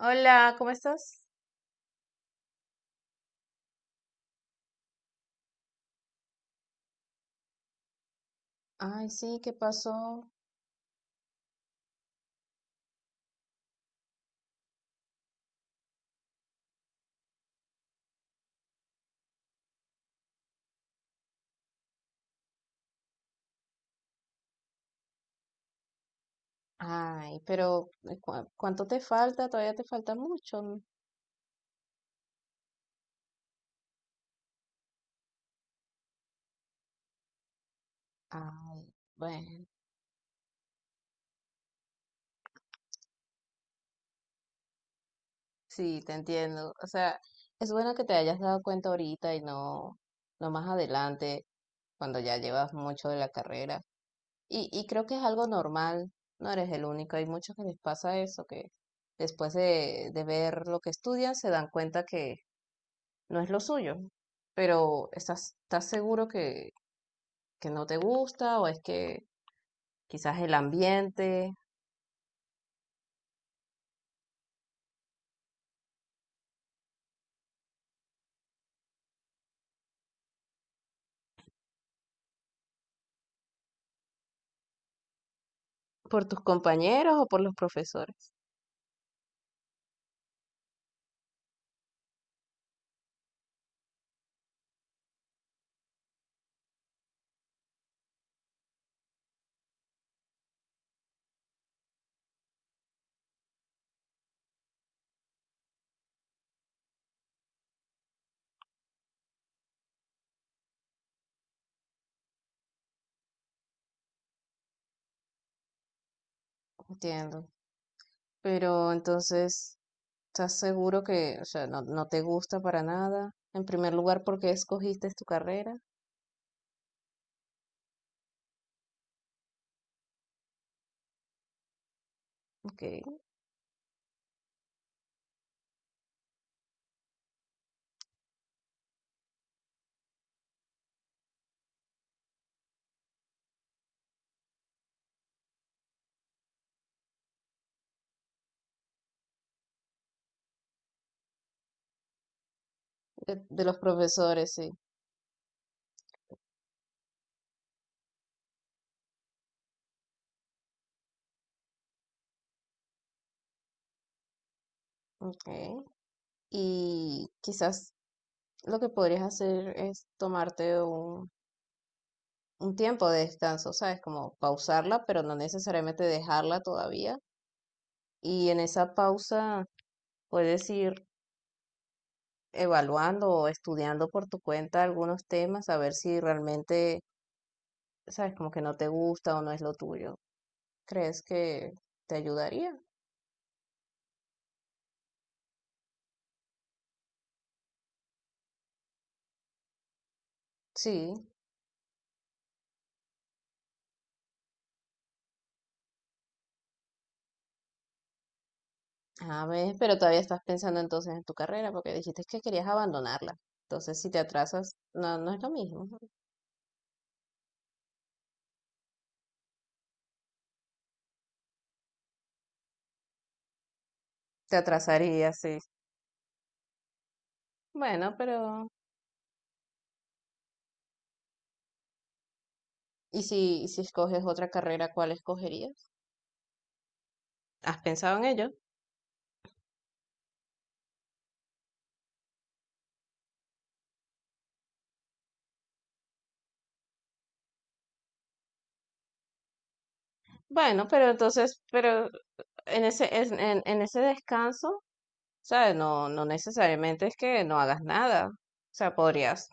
Hola, ¿cómo estás? Ay, sí, ¿qué pasó? Ay, pero ¿cuánto te falta? Todavía te falta mucho, ¿no? Ay, bueno, sí, te entiendo. O sea, es bueno que te hayas dado cuenta ahorita y no, no más adelante, cuando ya llevas mucho de la carrera. Y creo que es algo normal, no eres el único. Hay muchos que les pasa eso, que después de ver lo que estudian se dan cuenta que no es lo suyo. Pero ¿estás seguro que no te gusta o es que quizás el ambiente, por tus compañeros o por los profesores. Entiendo. Pero entonces, ¿estás seguro que, o sea, no, no te gusta para nada? En primer lugar, ¿porque escogiste tu carrera? Okay. De los profesores, sí. Okay. Y quizás lo que podrías hacer es tomarte un tiempo de descanso, ¿sabes? Como pausarla, pero no necesariamente dejarla todavía. Y en esa pausa puedes ir evaluando o estudiando por tu cuenta algunos temas, a ver si realmente, sabes, como que no te gusta o no es lo tuyo. ¿Crees que te ayudaría? Sí. A ver, pero todavía estás pensando entonces en tu carrera porque dijiste que querías abandonarla. Entonces, si te atrasas, no, no es lo mismo. Te atrasaría, sí. Bueno, pero y si escoges otra carrera, cuál escogerías? ¿Has pensado en ello? Bueno, pero entonces, pero en en ese descanso, sabes, no, no necesariamente es que no hagas nada. O sea, podrías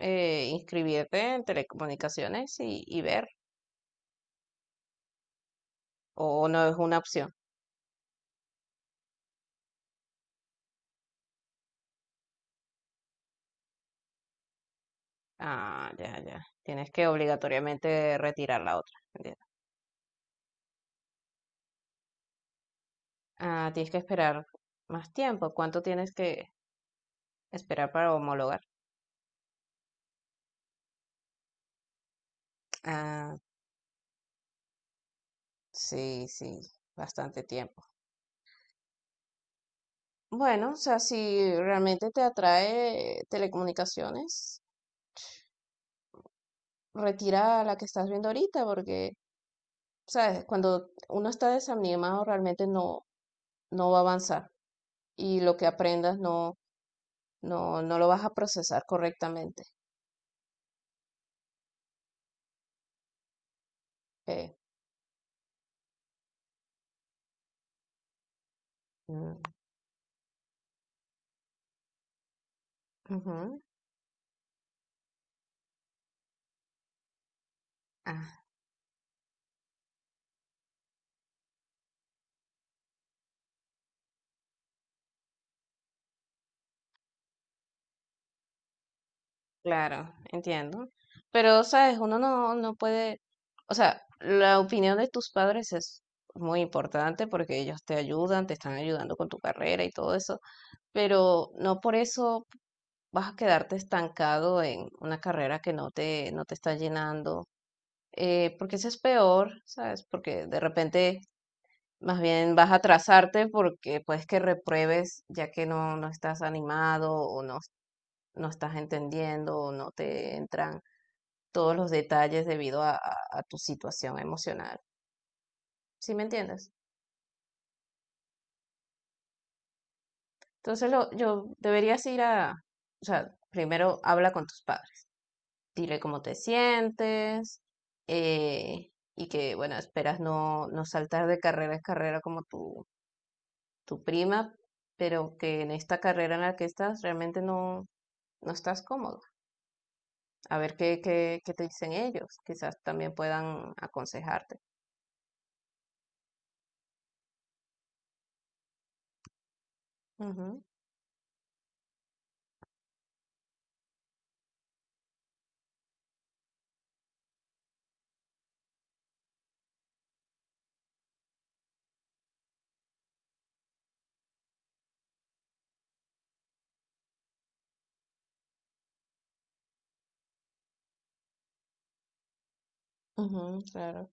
inscribirte en telecomunicaciones y ver, o no es una opción. Ah, ya, ya. Tienes que obligatoriamente retirar la otra. Entiendo. Ah, tienes que esperar más tiempo. ¿Cuánto tienes que esperar para homologar? Ah, sí, sí, bastante tiempo. Bueno, o sea, si realmente te atrae telecomunicaciones, retira la que estás viendo ahorita, porque sabes, cuando uno está desanimado realmente no, no va a avanzar y lo que aprendas no, no lo vas a procesar correctamente. Eh, mm, ujú. Ah, claro, entiendo. Pero, sabes, uno no, no puede, o sea, la opinión de tus padres es muy importante porque ellos te ayudan, te están ayudando con tu carrera y todo eso, pero no por eso vas a quedarte estancado en una carrera que no te, no te está llenando, porque eso es peor, ¿sabes? Porque de repente más bien vas a atrasarte porque puedes que repruebes ya que no, no estás animado o no, no estás entendiendo o no te entran todos los detalles debido a, a tu situación emocional. ¿Sí me entiendes? Entonces lo, yo deberías ir a, o sea, primero habla con tus padres, dile cómo te sientes, eh, y que, bueno, esperas no, no saltar de carrera en carrera como tú, tu prima, pero que en esta carrera en la que estás realmente no, no estás cómodo. A ver qué, qué, qué te dicen ellos, quizás también puedan aconsejarte. Ujú, ujú, claro.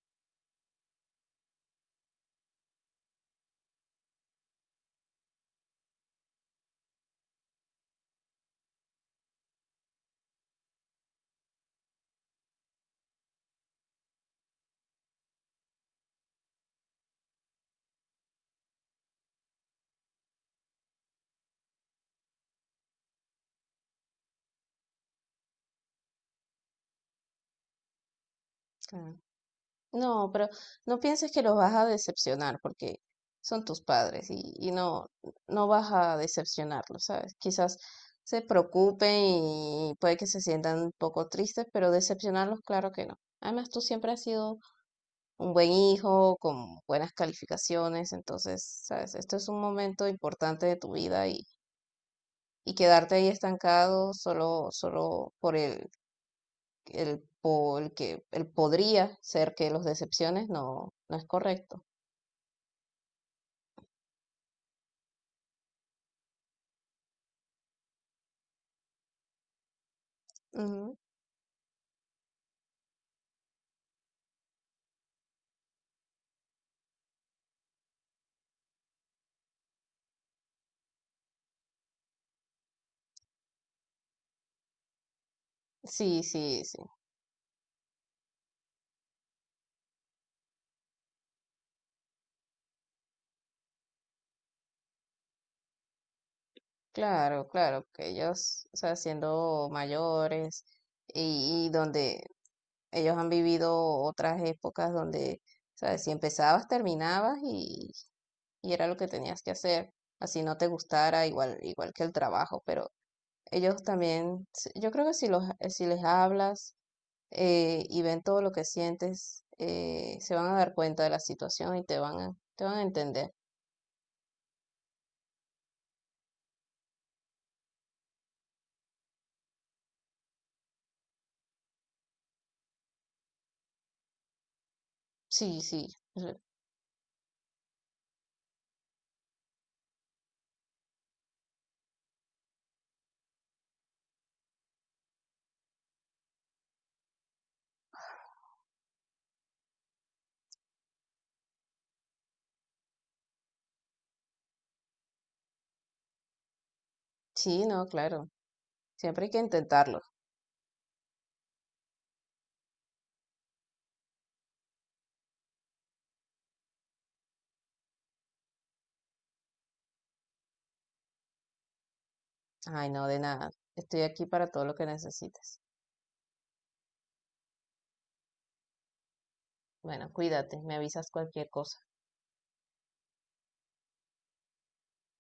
Claro. No, pero no pienses que los vas a decepcionar porque son tus padres y no, no vas a decepcionarlos, ¿sabes? Quizás se preocupen y puede que se sientan un poco tristes, pero decepcionarlos, claro que no. Además, tú siempre has sido un buen hijo, con buenas calificaciones. Entonces, sabes, esto es un momento importante de tu vida y quedarte ahí estancado solo, solo por el, por el que el podría ser que los decepciones, no, no es correcto. Ujú. Sí, sí, sí. Claro, claro, que ellos, o sea, siendo mayores y donde ellos han vivido otras épocas donde, ¿sabes? Si empezabas, terminabas y era lo que tenías que hacer, así no te gustara, igual, igual que el trabajo, pero ellos también, yo creo que si los, si les hablas y ven todo lo que sientes, se van a dar cuenta de la situación y te van a entender. Sí, sí, sí, no, claro, siempre hay que intentarlo. Ay, no, de nada, estoy aquí para todo lo que necesites. Bueno, cuídate, me avisas cualquier cosa.